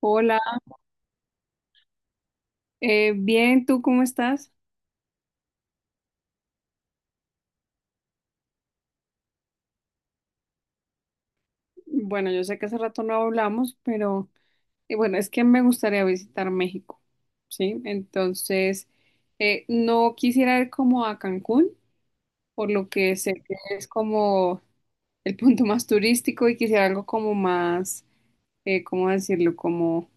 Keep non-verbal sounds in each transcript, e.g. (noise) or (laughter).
Hola, bien, ¿tú cómo estás? Bueno, yo sé que hace rato no hablamos, pero bueno, es que me gustaría visitar México, ¿sí? Entonces, no quisiera ir como a Cancún, por lo que sé que es como el punto más turístico y quisiera algo como más, ¿cómo decirlo? Como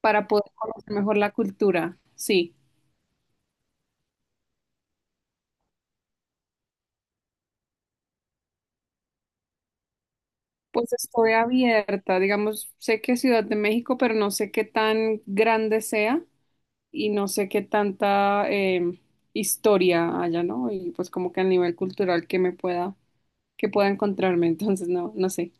para poder conocer mejor la cultura, sí. Pues estoy abierta, digamos, sé que es Ciudad de México, pero no sé qué tan grande sea, y no sé qué tanta historia haya, ¿no? Y pues como que a nivel cultural que me pueda, que pueda encontrarme, (laughs) entonces no, no sé.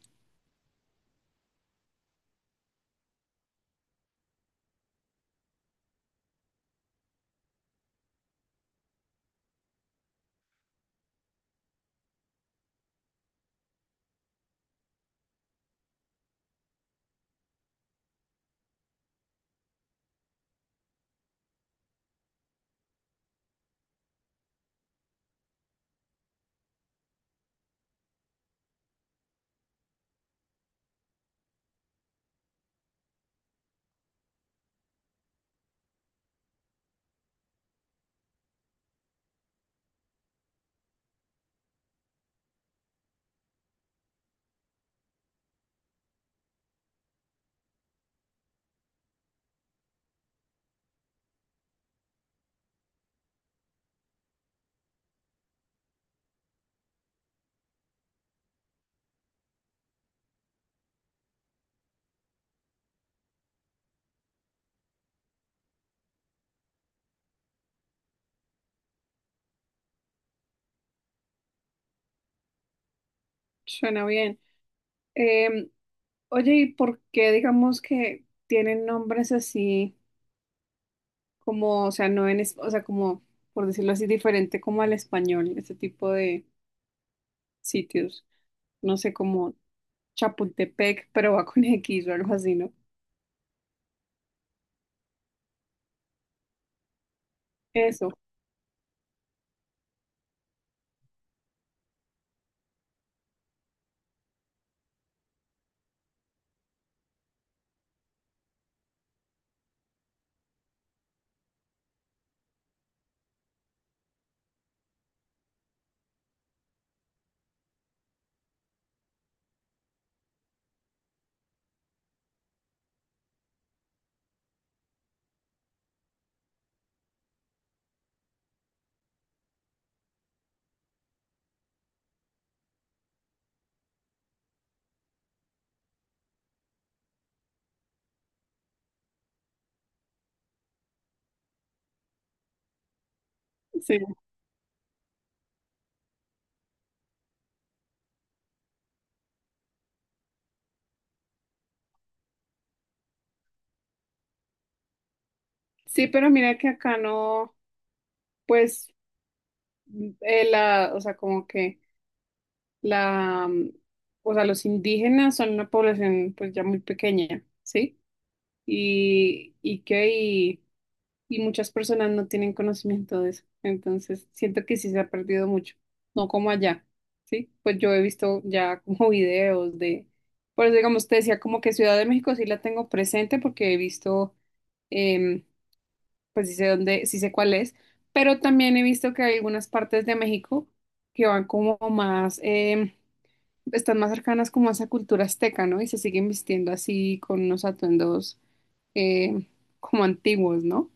Suena bien. Em, Oye, ¿y por qué digamos que tienen nombres así como, o sea, no en, es- o sea, como, por decirlo así, diferente como al español, este tipo de sitios? No sé, como Chapultepec, pero va con (laughs) X o algo así, ¿no? Eso, sí. Sí, pero mira que acá no, pues. O sea, como que la, mm, o sea, los indígenas son una población pues ya muy pequeña, ¿sí? Y, y que y, y muchas personas no tienen conocimiento de eso. Entonces, siento que sí se ha perdido mucho, no como allá, ¿sí? Pues yo he visto ya como (laughs) videos de, por eso digamos, te decía como que Ciudad de México sí la tengo presente porque he visto, em, pues sí sé dónde, sí sé cuál es, pero también he visto que hay algunas partes de México que van como más, están más cercanas como a esa cultura azteca, ¿no? Y se siguen vistiendo así con unos atuendos em, como antiguos, ¿no?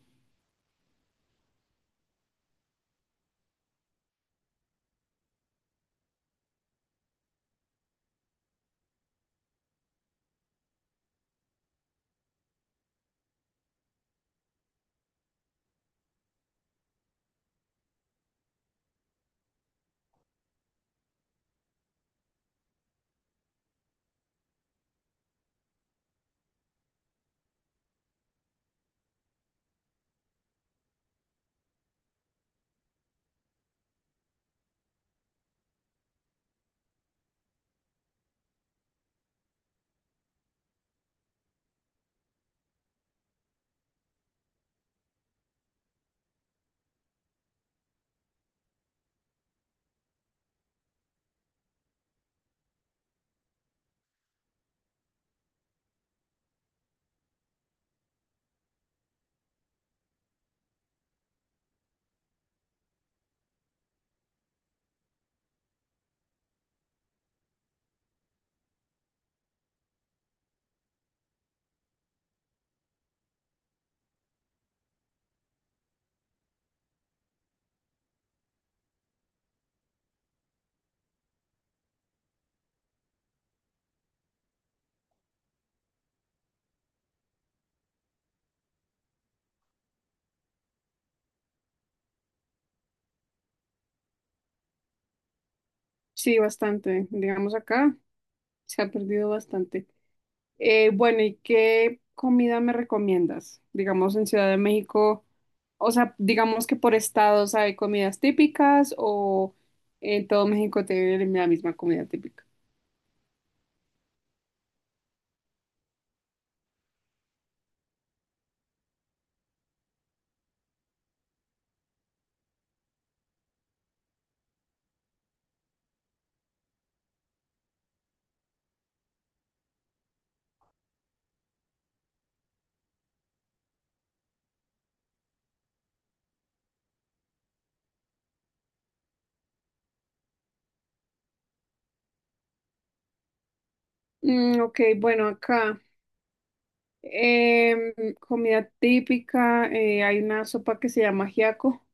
Sí, bastante. Digamos acá se ha perdido bastante. Bueno, ¿y qué comida me recomiendas? Digamos en Ciudad de México, o sea, digamos que por estados hay comidas típicas o en todo México tienen la misma comida típica. Mm, ok, bueno, acá em, comida típica, hay una sopa que se llama ajiaco,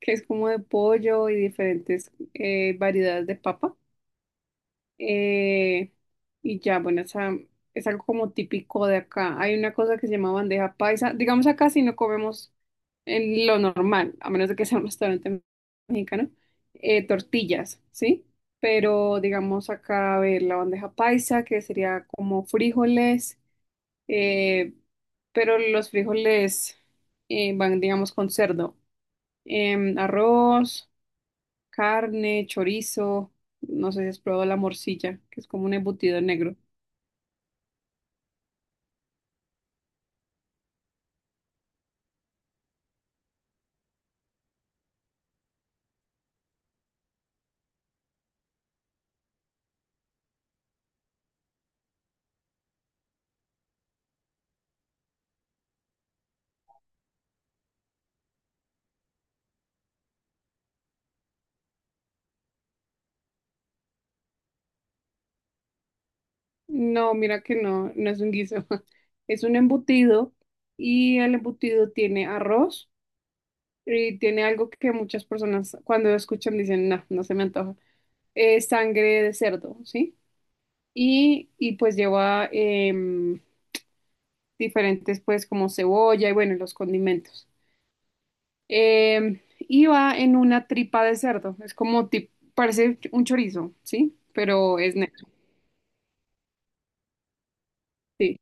que es como de pollo y diferentes variedades de papa. Eh, bueno, esa, es algo como típico de acá. Hay una cosa que se llama bandeja paisa. Digamos acá si no comemos en lo normal, a menos de que sea un restaurante mexicano, tortillas, ¿sí? Pero digamos acá, a ver, la bandeja paisa, que sería como frijoles, eh, pero los frijoles van, digamos, con cerdo. Arroz, carne, chorizo, no sé si has probado la morcilla, que es como un embutido negro. No, mira que no, no es un guiso, (laughs) es un embutido y el embutido tiene arroz y tiene algo que muchas personas cuando lo escuchan dicen, no, no se me antoja, es sangre de cerdo, ¿sí? Y pues lleva diferentes pues como cebolla y bueno, los condimentos. Y va en una tripa de cerdo. Es como, parece un chorizo, ¿sí? Pero es negro, sí.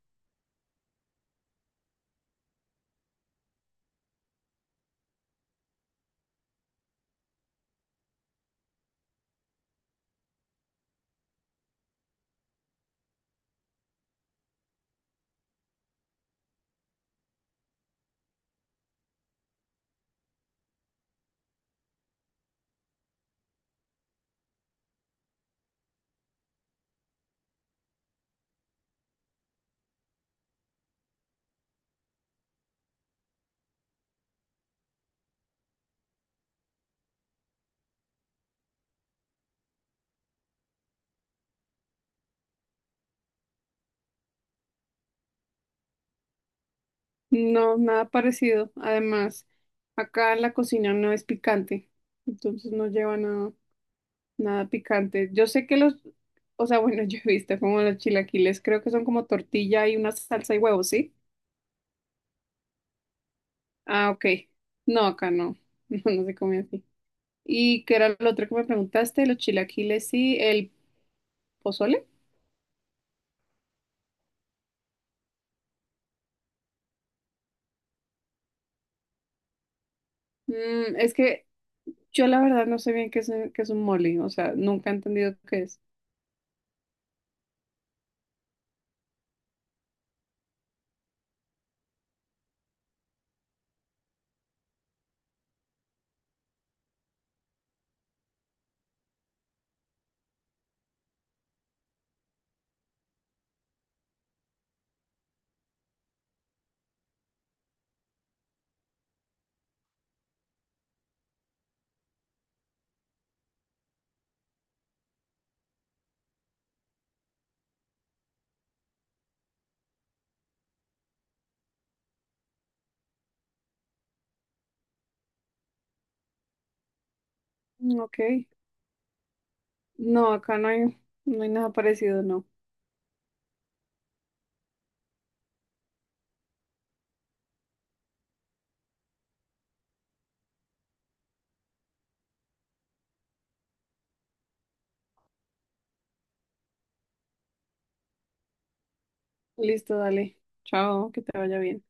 No, nada parecido. Además, acá la cocina no es picante. Entonces no lleva nada, nada picante. Yo sé que los, o sea, (laughs) bueno, yo he visto como los chilaquiles, creo que son como tortilla y una salsa y huevos, ¿sí? Ah, ok. No, acá no. (laughs) No, no se come así. ¿Y qué era lo otro que me preguntaste? Los chilaquiles, y ¿el pozole? Mm, es que yo la verdad no sé bien qué es un molly, o sea, nunca he entendido qué es. Mm, ok. No, acá no hay, no hay nada parecido, no. Listo, dale. Chao, que te vaya bien.